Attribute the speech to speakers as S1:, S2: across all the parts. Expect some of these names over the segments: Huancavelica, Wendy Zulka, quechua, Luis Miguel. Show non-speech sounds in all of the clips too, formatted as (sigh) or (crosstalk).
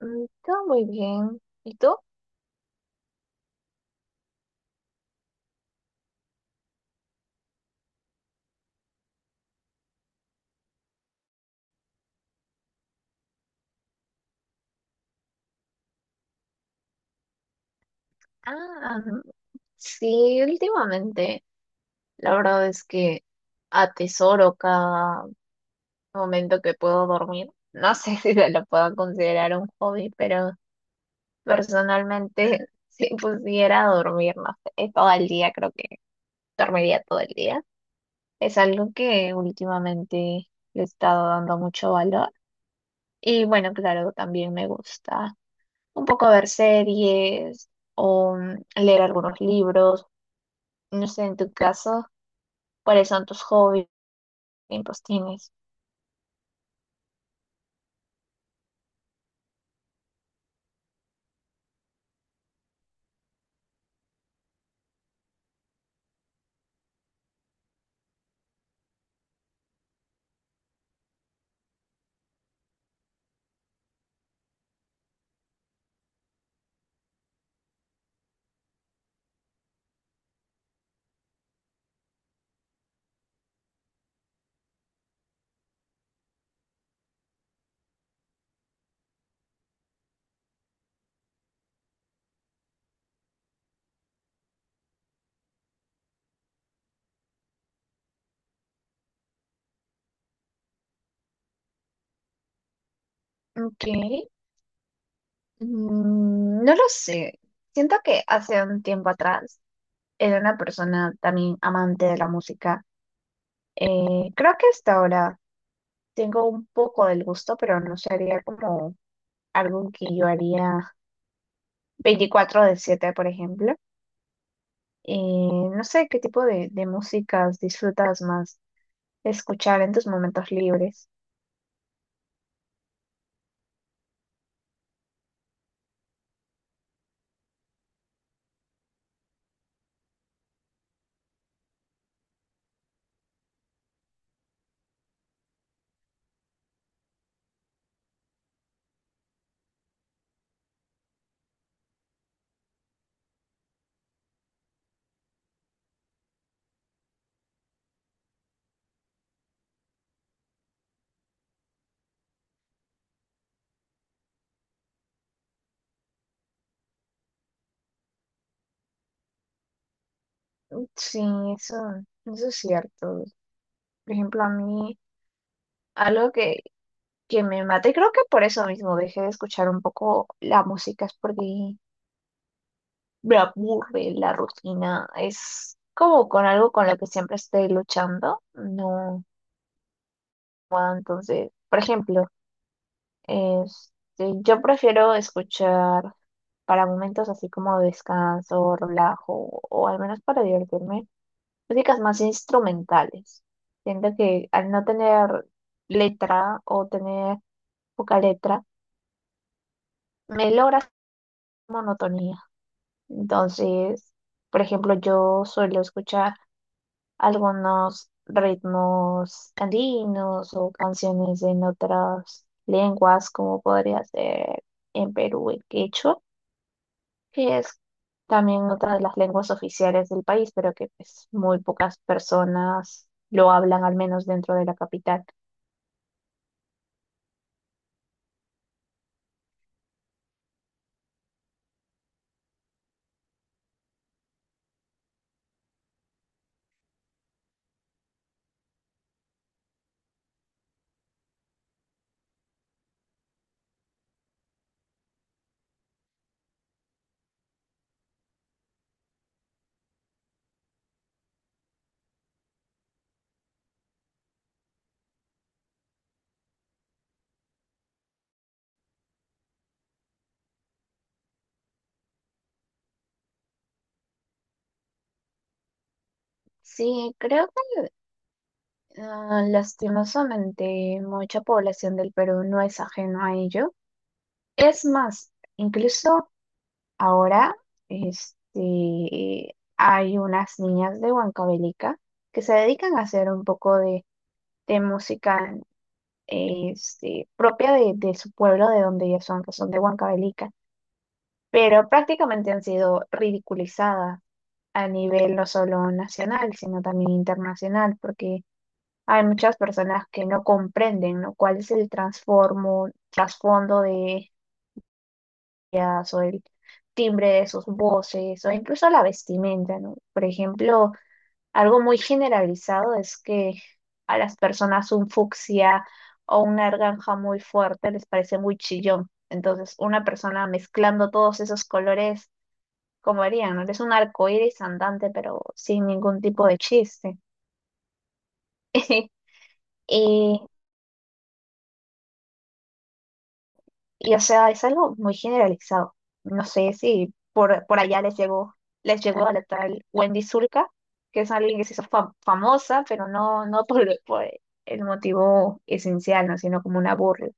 S1: Todo muy bien. ¿Y tú? Ah, sí, últimamente la verdad es que atesoro cada momento que puedo dormir. No sé (laughs) si se lo puedo considerar un hobby, pero personalmente (laughs) si pudiera dormir, no sé, todo el día, creo que dormiría todo el día. Es algo que últimamente le he estado dando mucho valor. Y bueno, claro, también me gusta un poco ver series o leer algunos libros. No sé, en tu caso, ¿cuáles son tus hobbies? ¿Qué tiempos tienes? Ok. Mm, no lo sé. Siento que hace un tiempo atrás era una persona también amante de la música. Creo que hasta ahora tengo un poco del gusto, pero no sería como algo que yo haría 24/7 por ejemplo. No sé qué tipo de músicas disfrutas más escuchar en tus momentos libres. Sí, eso, eso es cierto. Por ejemplo, a mí algo que me mata, y creo que por eso mismo dejé de escuchar un poco la música, es porque me aburre la rutina, es como con algo con lo que siempre estoy luchando, no, entonces, por ejemplo, este, yo prefiero escuchar para momentos así como descanso, relajo, o al menos para divertirme, músicas más instrumentales. Siento que al no tener letra o tener poca letra, me logra hacer monotonía. Entonces, por ejemplo, yo suelo escuchar algunos ritmos andinos o canciones en otras lenguas, como podría ser en Perú el quechua, que es también otra de las lenguas oficiales del país, pero que pues muy pocas personas lo hablan, al menos dentro de la capital. Sí, creo que lastimosamente mucha población del Perú no es ajeno a ello. Es más, incluso ahora este, hay unas niñas de Huancavelica que se dedican a hacer un poco de música este, propia de su pueblo, de donde ellas son, que son de Huancavelica, pero prácticamente han sido ridiculizadas a nivel no solo nacional, sino también internacional, porque hay muchas personas que no comprenden, ¿no?, cuál es el trasfondo de o el timbre de sus voces o incluso la vestimenta, ¿no? Por ejemplo, algo muy generalizado es que a las personas un fucsia o una naranja muy fuerte les parece muy chillón. Entonces, una persona mezclando todos esos colores, como harían, ¿no? Es un arcoíris andante, pero sin ningún tipo de chiste. (laughs) Y o sea, es algo muy generalizado. No sé si por allá les llegó a la tal Wendy Zulka, que es alguien que se hizo famosa, pero no por, (laughs) por el motivo esencial, ¿no? Sino como una burla.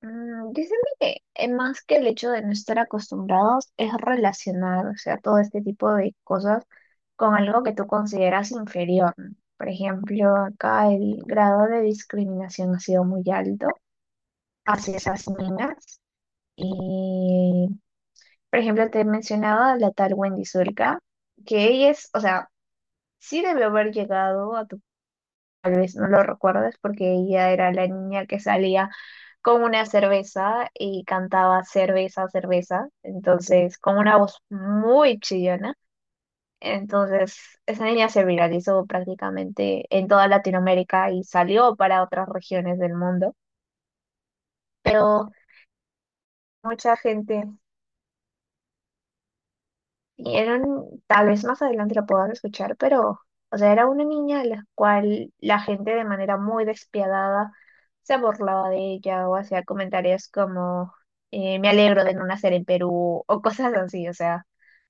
S1: Mm, dicen que más que el hecho de no estar acostumbrados es relacionar, o sea, todo este tipo de cosas con algo que tú consideras inferior, ¿no? Por ejemplo, acá el grado de discriminación ha sido muy alto hacia esas niñas. Y, por ejemplo, te he mencionado a la tal Wendy Zulka, que ella es, o sea, sí debe haber llegado a tu, tal vez no lo recuerdas, porque ella era la niña que salía con una cerveza y cantaba cerveza, cerveza, entonces con una voz muy chillona. Entonces, esa niña se viralizó prácticamente en toda Latinoamérica y salió para otras regiones del mundo, pero mucha gente. Eran, tal vez más adelante la puedan escuchar, pero, o sea, era una niña a la cual la gente de manera muy despiadada se burlaba de ella o hacía comentarios como, me alegro de no nacer en Perú o cosas así, o sea,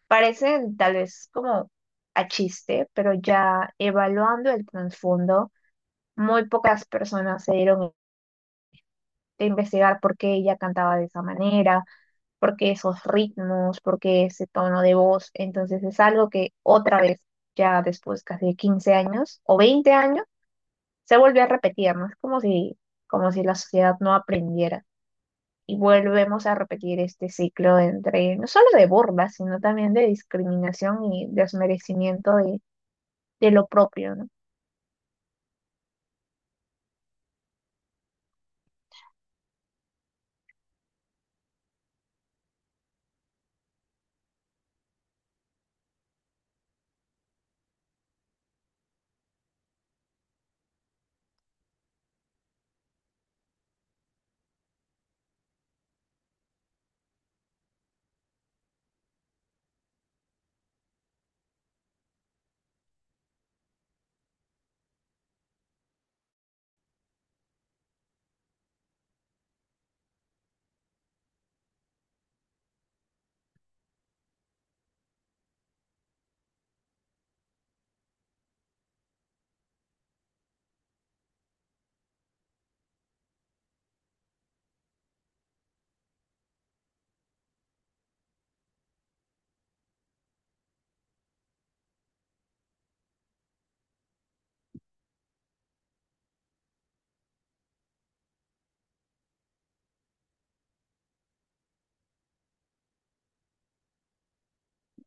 S1: parecen tal vez como a chiste, pero ya evaluando el trasfondo, muy pocas personas se dieron a investigar por qué ella cantaba de esa manera porque esos ritmos, porque ese tono de voz. Entonces es algo que otra vez, ya después casi de 15 años o 20 años, se vuelve a repetir, ¿no? Es como si la sociedad no aprendiera. Y volvemos a repetir este ciclo entre, no solo de burlas, sino también de discriminación y desmerecimiento de lo propio, ¿no?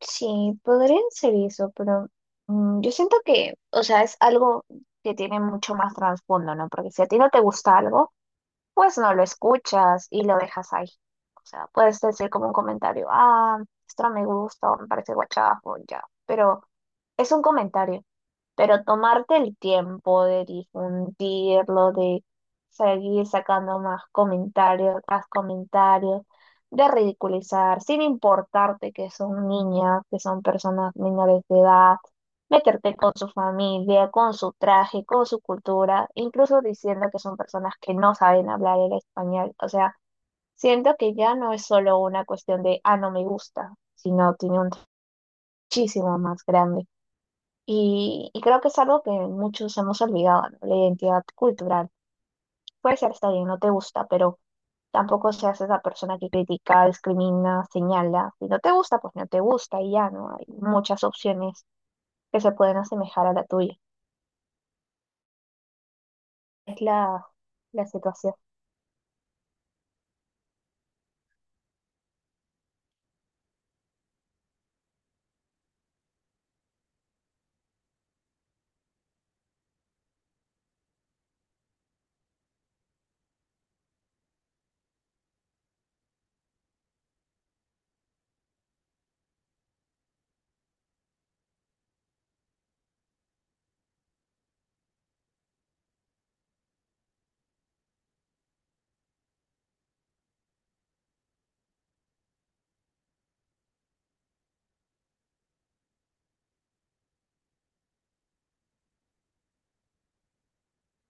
S1: Sí, podrían ser eso, pero yo siento que, o sea, es algo que tiene mucho más trasfondo, ¿no? Porque si a ti no te gusta algo, pues no lo escuchas y lo dejas ahí. O sea, puedes decir como un comentario, ah, esto no me gusta, o me parece guachapo, ya. Pero es un comentario. Pero tomarte el tiempo de difundirlo, de seguir sacando más comentarios, de ridiculizar, sin importarte que son niñas, que son personas menores de edad, meterte con su familia, con su traje, con su cultura, incluso diciendo que son personas que no saben hablar el español. O sea, siento que ya no es solo una cuestión de, ah, no me gusta, sino tiene un muchísimo más grande. Y creo que es algo que muchos hemos olvidado, ¿no? La identidad cultural. Puede ser, está bien, no te gusta, pero tampoco seas esa persona que critica, discrimina, señala. Si no te gusta, pues no te gusta y ya, ¿no? Hay muchas opciones que se pueden asemejar a la tuya. Es la situación.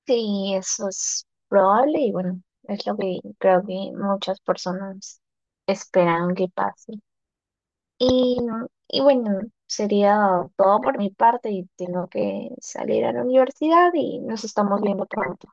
S1: Sí, eso es probable y bueno, es lo que creo que muchas personas esperan que pase. Y, y bueno, sería todo por mi parte y tengo que salir a la universidad y nos estamos viendo pronto.